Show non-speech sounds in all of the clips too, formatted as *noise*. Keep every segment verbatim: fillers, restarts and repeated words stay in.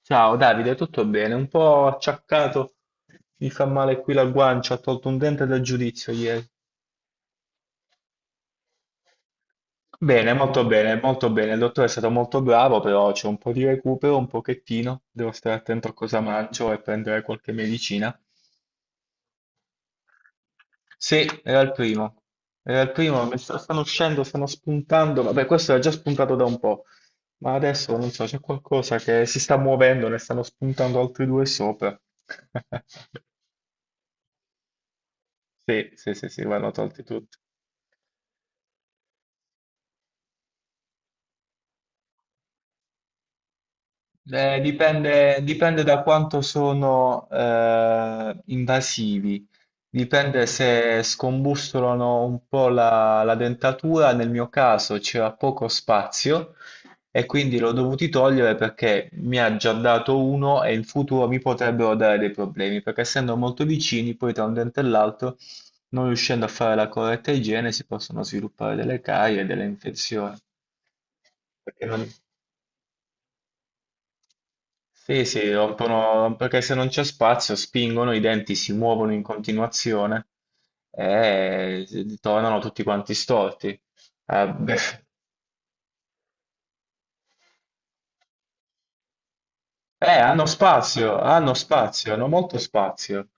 Ciao Davide, tutto bene? Un po' acciaccato, mi fa male qui la guancia, ho tolto un dente dal giudizio ieri. Bene, molto bene, molto bene. Il dottore è stato molto bravo, però c'è un po' di recupero, un pochettino. Devo stare attento a cosa mangio e prendere qualche medicina. Sì, era il primo. Era il primo, mi sta- stanno uscendo, stanno spuntando. Vabbè, questo era già spuntato da un po', ma adesso non so, c'è qualcosa che si sta muovendo, ne stanno spuntando altri due sopra. *laughs* Sì, sì, sì, sì, vanno tolti tutti. Beh, dipende, dipende da quanto sono eh, invasivi, dipende se scombussolano un po' la, la dentatura, nel mio caso c'era poco spazio e quindi l'ho dovuti togliere perché mi ha già dato uno e in futuro mi potrebbero dare dei problemi, perché essendo molto vicini poi tra un dente e l'altro, non riuscendo a fare la corretta igiene, si possono sviluppare delle carie e delle infezioni. Perché non- Sì, sì, rompono, perché se non c'è spazio spingono, i denti si muovono in continuazione e tornano tutti quanti storti. Eh, beh, Eh, hanno spazio, hanno spazio, hanno molto spazio.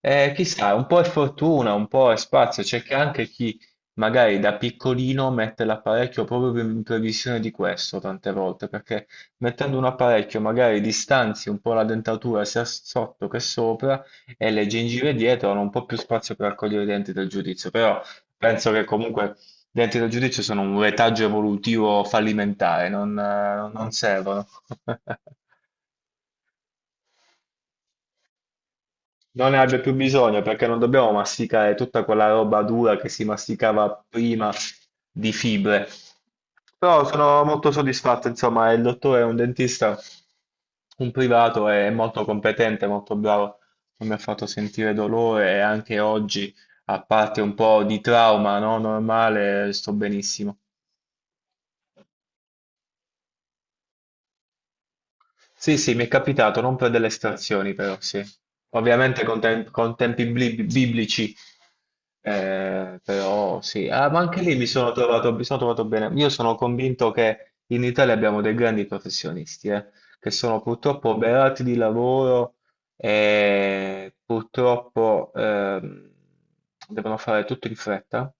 Eh, chissà, un po' è fortuna, un po' è spazio. C'è che anche chi magari da piccolino mette l'apparecchio proprio in previsione di questo tante volte, perché mettendo un apparecchio magari distanzi un po' la dentatura sia sotto che sopra e le gengive dietro hanno un po' più spazio per raccogliere i denti del giudizio. Però penso che comunque i denti del giudizio sono un retaggio evolutivo fallimentare, non eh, non servono. *laughs* Non ne abbia più bisogno perché non dobbiamo masticare tutta quella roba dura che si masticava prima di fibre. Però sono molto soddisfatto, insomma, il dottore è un dentista, un privato, è molto competente, molto bravo, non mi ha fatto sentire dolore e anche oggi, a parte un po' di trauma, no, normale, sto benissimo. Sì, sì, mi è capitato, non per delle estrazioni però, sì. Ovviamente con, tem- con tempi bli- biblici, eh, però sì. Ah, ma anche lì mi sono trovato, mi sono trovato bene. Io sono convinto che in Italia abbiamo dei grandi professionisti, eh, che sono purtroppo oberati di lavoro e purtroppo ehm, devono fare tutto in fretta.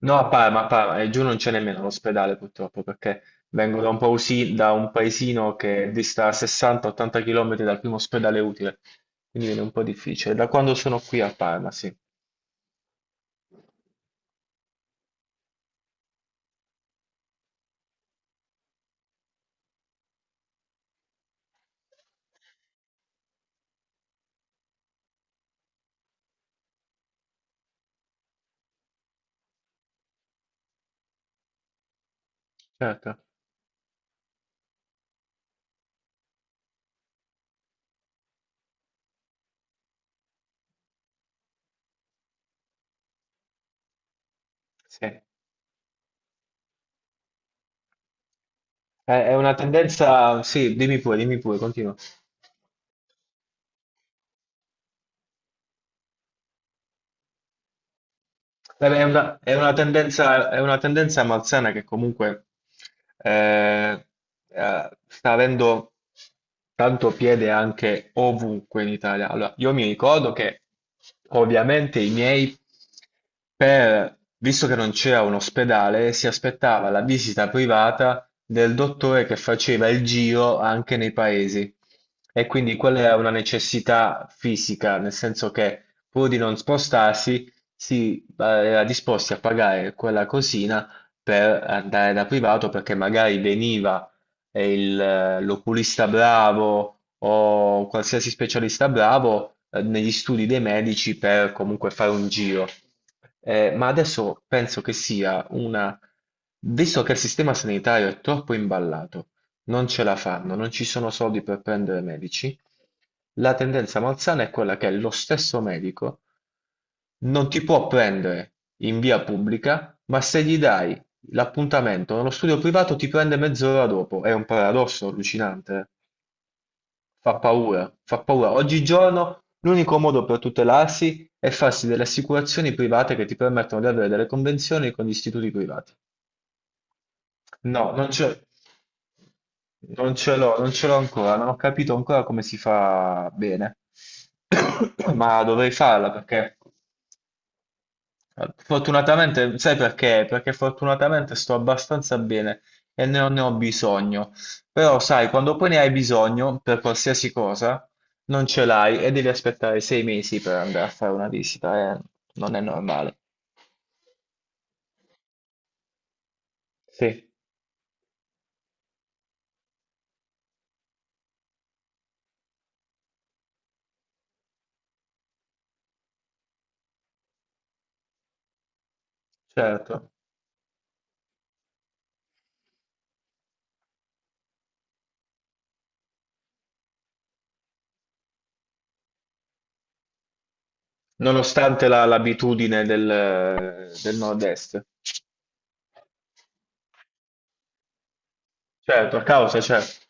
No, a Parma, a Parma, e giù non c'è nemmeno l'ospedale purtroppo, perché vengo da un pausi- da un paesino che dista sessanta, ottanta km dal primo ospedale utile, quindi viene un po' difficile. Da quando sono qui a Parma, sì, certo, sì. È, è una tendenza, sì, dimmi pure, dimmi pure, continua. Beh, beh, È una, è una tendenza, è una tendenza malsana che comunque eh, eh, sta avendo tanto piede anche ovunque in Italia. Allora, io mi ricordo che ovviamente i miei, per- visto che non c'era un ospedale, si aspettava la visita privata del dottore che faceva il giro anche nei paesi. E quindi quella era una necessità fisica, nel senso che pur di non spostarsi, sì, ma era disposti a pagare quella cosina per andare da privato perché magari veniva eh, il, eh, l'oculista bravo o qualsiasi specialista bravo eh, negli studi dei medici per comunque fare un giro. Eh, ma adesso penso che sia una. Visto che il sistema sanitario è troppo imballato, non ce la fanno, non ci sono soldi per prendere medici, la tendenza malsana è quella che lo stesso medico non ti può prendere in via pubblica, ma se gli dai l'appuntamento nello studio privato ti prende mezz'ora dopo. È un paradosso allucinante, fa paura, fa paura. Oggigiorno l'unico modo per tutelarsi è farsi delle assicurazioni private che ti permettono di avere delle convenzioni con gli istituti privati. No, non c'è. Non ce l'ho, non ce l'ho ancora, non ho capito ancora come si fa bene, *coughs* ma dovrei farla perché. Fortunatamente, sai perché? Perché fortunatamente sto abbastanza bene e ne ho, ne ho bisogno. Però, sai, quando poi ne hai bisogno per qualsiasi cosa, non ce l'hai e devi aspettare sei mesi per andare a fare una visita, eh, non è normale. Sì, certo. Nonostante la- l'abitudine del, del nord-est. Certo, a causa, certo.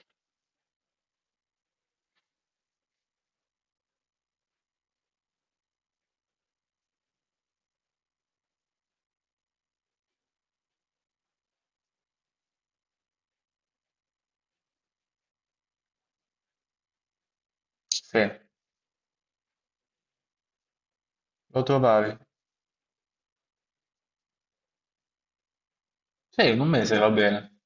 Sì, lo trovavi. Sì, in un mese va bene.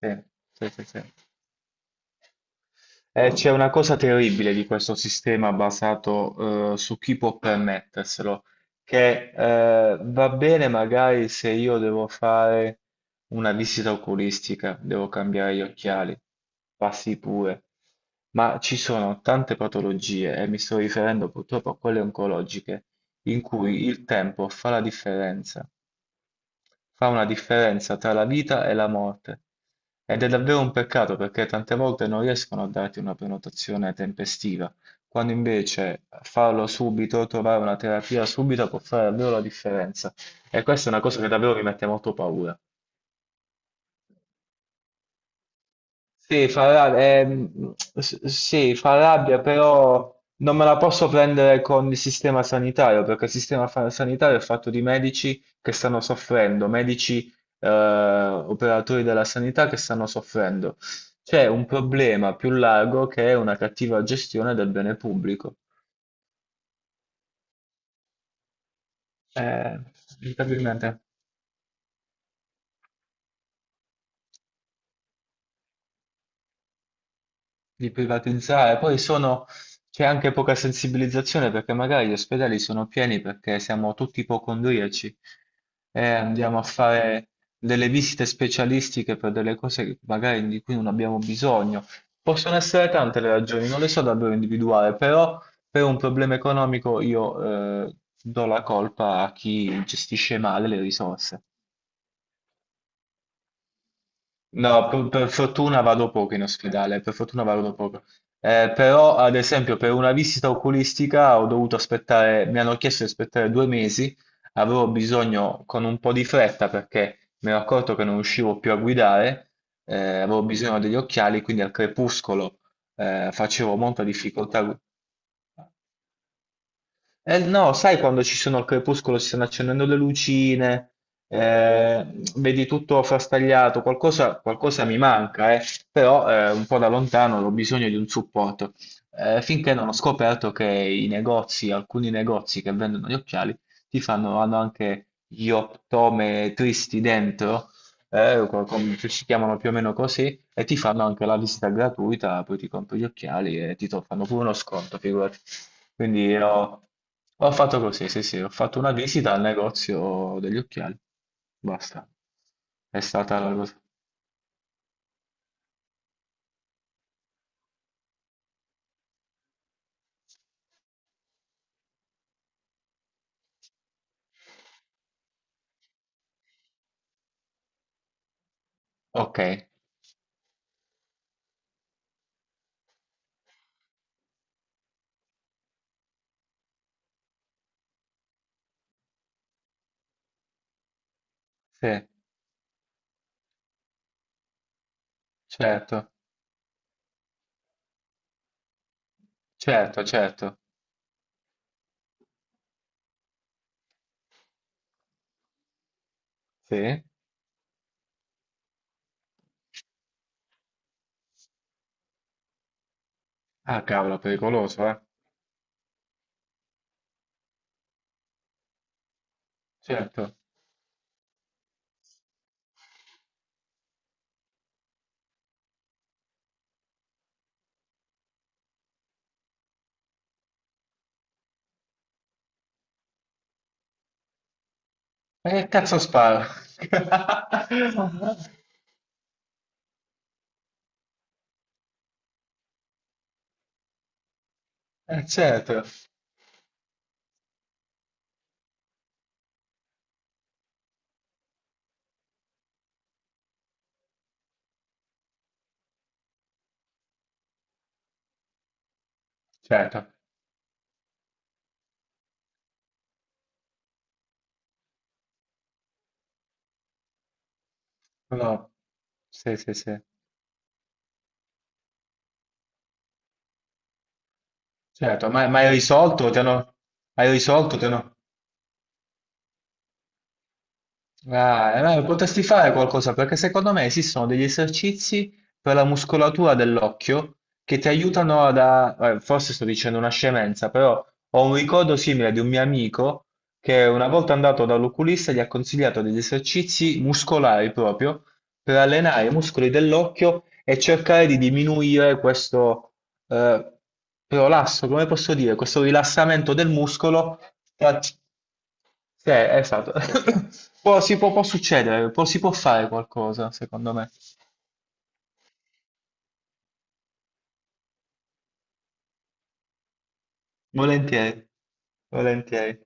Sì, sì, sì, sì. Eh, c'è una cosa terribile di questo sistema basato, eh, su chi può permetterselo, che, eh, va bene magari se io devo fare una visita oculistica, devo cambiare gli occhiali, passi pure, ma ci sono tante patologie, e mi sto riferendo purtroppo a quelle oncologiche, in cui il tempo fa la differenza. Fa una differenza tra la vita e la morte ed è davvero un peccato perché tante volte non riescono a darti una prenotazione tempestiva, quando invece farlo subito, trovare una terapia subito può fare davvero la differenza. E questa è una cosa che davvero mi mette molto paura. Sì, fa rabbia, ehm, s- sì, fa rabbia, però non me la posso prendere con il sistema sanitario, perché il sistema fa- sanitario è fatto di medici che stanno soffrendo, medici, eh, operatori della sanità che stanno soffrendo. C'è un problema più largo che è una cattiva gestione del bene pubblico. Eh, inevitabilmente. di privatizzare. Poi sono, c'è anche poca sensibilizzazione perché magari gli ospedali sono pieni perché siamo tutti ipocondriaci e andiamo a fare delle visite specialistiche per delle cose che magari di cui non abbiamo bisogno. Possono essere tante le ragioni, non le so davvero individuare, però per un problema economico io eh, do la colpa a chi gestisce male le risorse. No, per, per fortuna vado poco in ospedale, per fortuna vado poco. Eh, però, ad esempio, per una visita oculistica ho dovuto aspettare, mi hanno chiesto di aspettare due mesi, avevo bisogno con un po' di fretta perché mi ero accorto che non riuscivo più a guidare, eh, avevo bisogno degli occhiali, quindi al crepuscolo eh, facevo molta difficoltà. Eh no, sai quando ci sono al crepuscolo, ci stanno accendendo le lucine, eh, vedi tutto frastagliato, qualcosa, qualcosa mi manca, eh, però eh, un po' da lontano ho bisogno di un supporto. Eh, finché non ho scoperto che i negozi, alcuni negozi che vendono gli occhiali, ti fanno, hanno anche gli optometristi dentro, eh, co- com- ci si chiamano più o meno così, e ti fanno anche la visita gratuita, poi ti compri gli occhiali e ti to- fanno pure uno sconto, figurati. Quindi ho, ho fatto così, sì, sì, ho fatto una visita al negozio degli occhiali, basta. È stata la cosa. Ok, sì, certo, certo, certo, sì. Ah, cavolo, pericoloso, eh. Certo. E che cazzo sparo? *laughs* Eh, certo, certo. No, sì, sì, sì. Certo, ma, ma hai risolto? Ti hanno. Hai risolto? Ti hanno. Ah, eh, potresti fare qualcosa perché secondo me esistono degli esercizi per la muscolatura dell'occhio che ti aiutano ad... a- eh, forse sto dicendo una scemenza, però ho un ricordo simile di un mio amico che una volta andato dall'oculista gli ha consigliato degli esercizi muscolari proprio per allenare i muscoli dell'occhio e cercare di diminuire questo eh, prolasso, come posso dire, questo rilassamento del muscolo. Sì, esatto. *laughs* Perché? Può- si può, può succedere, può- si può fare qualcosa, secondo me. Volentieri, volentieri.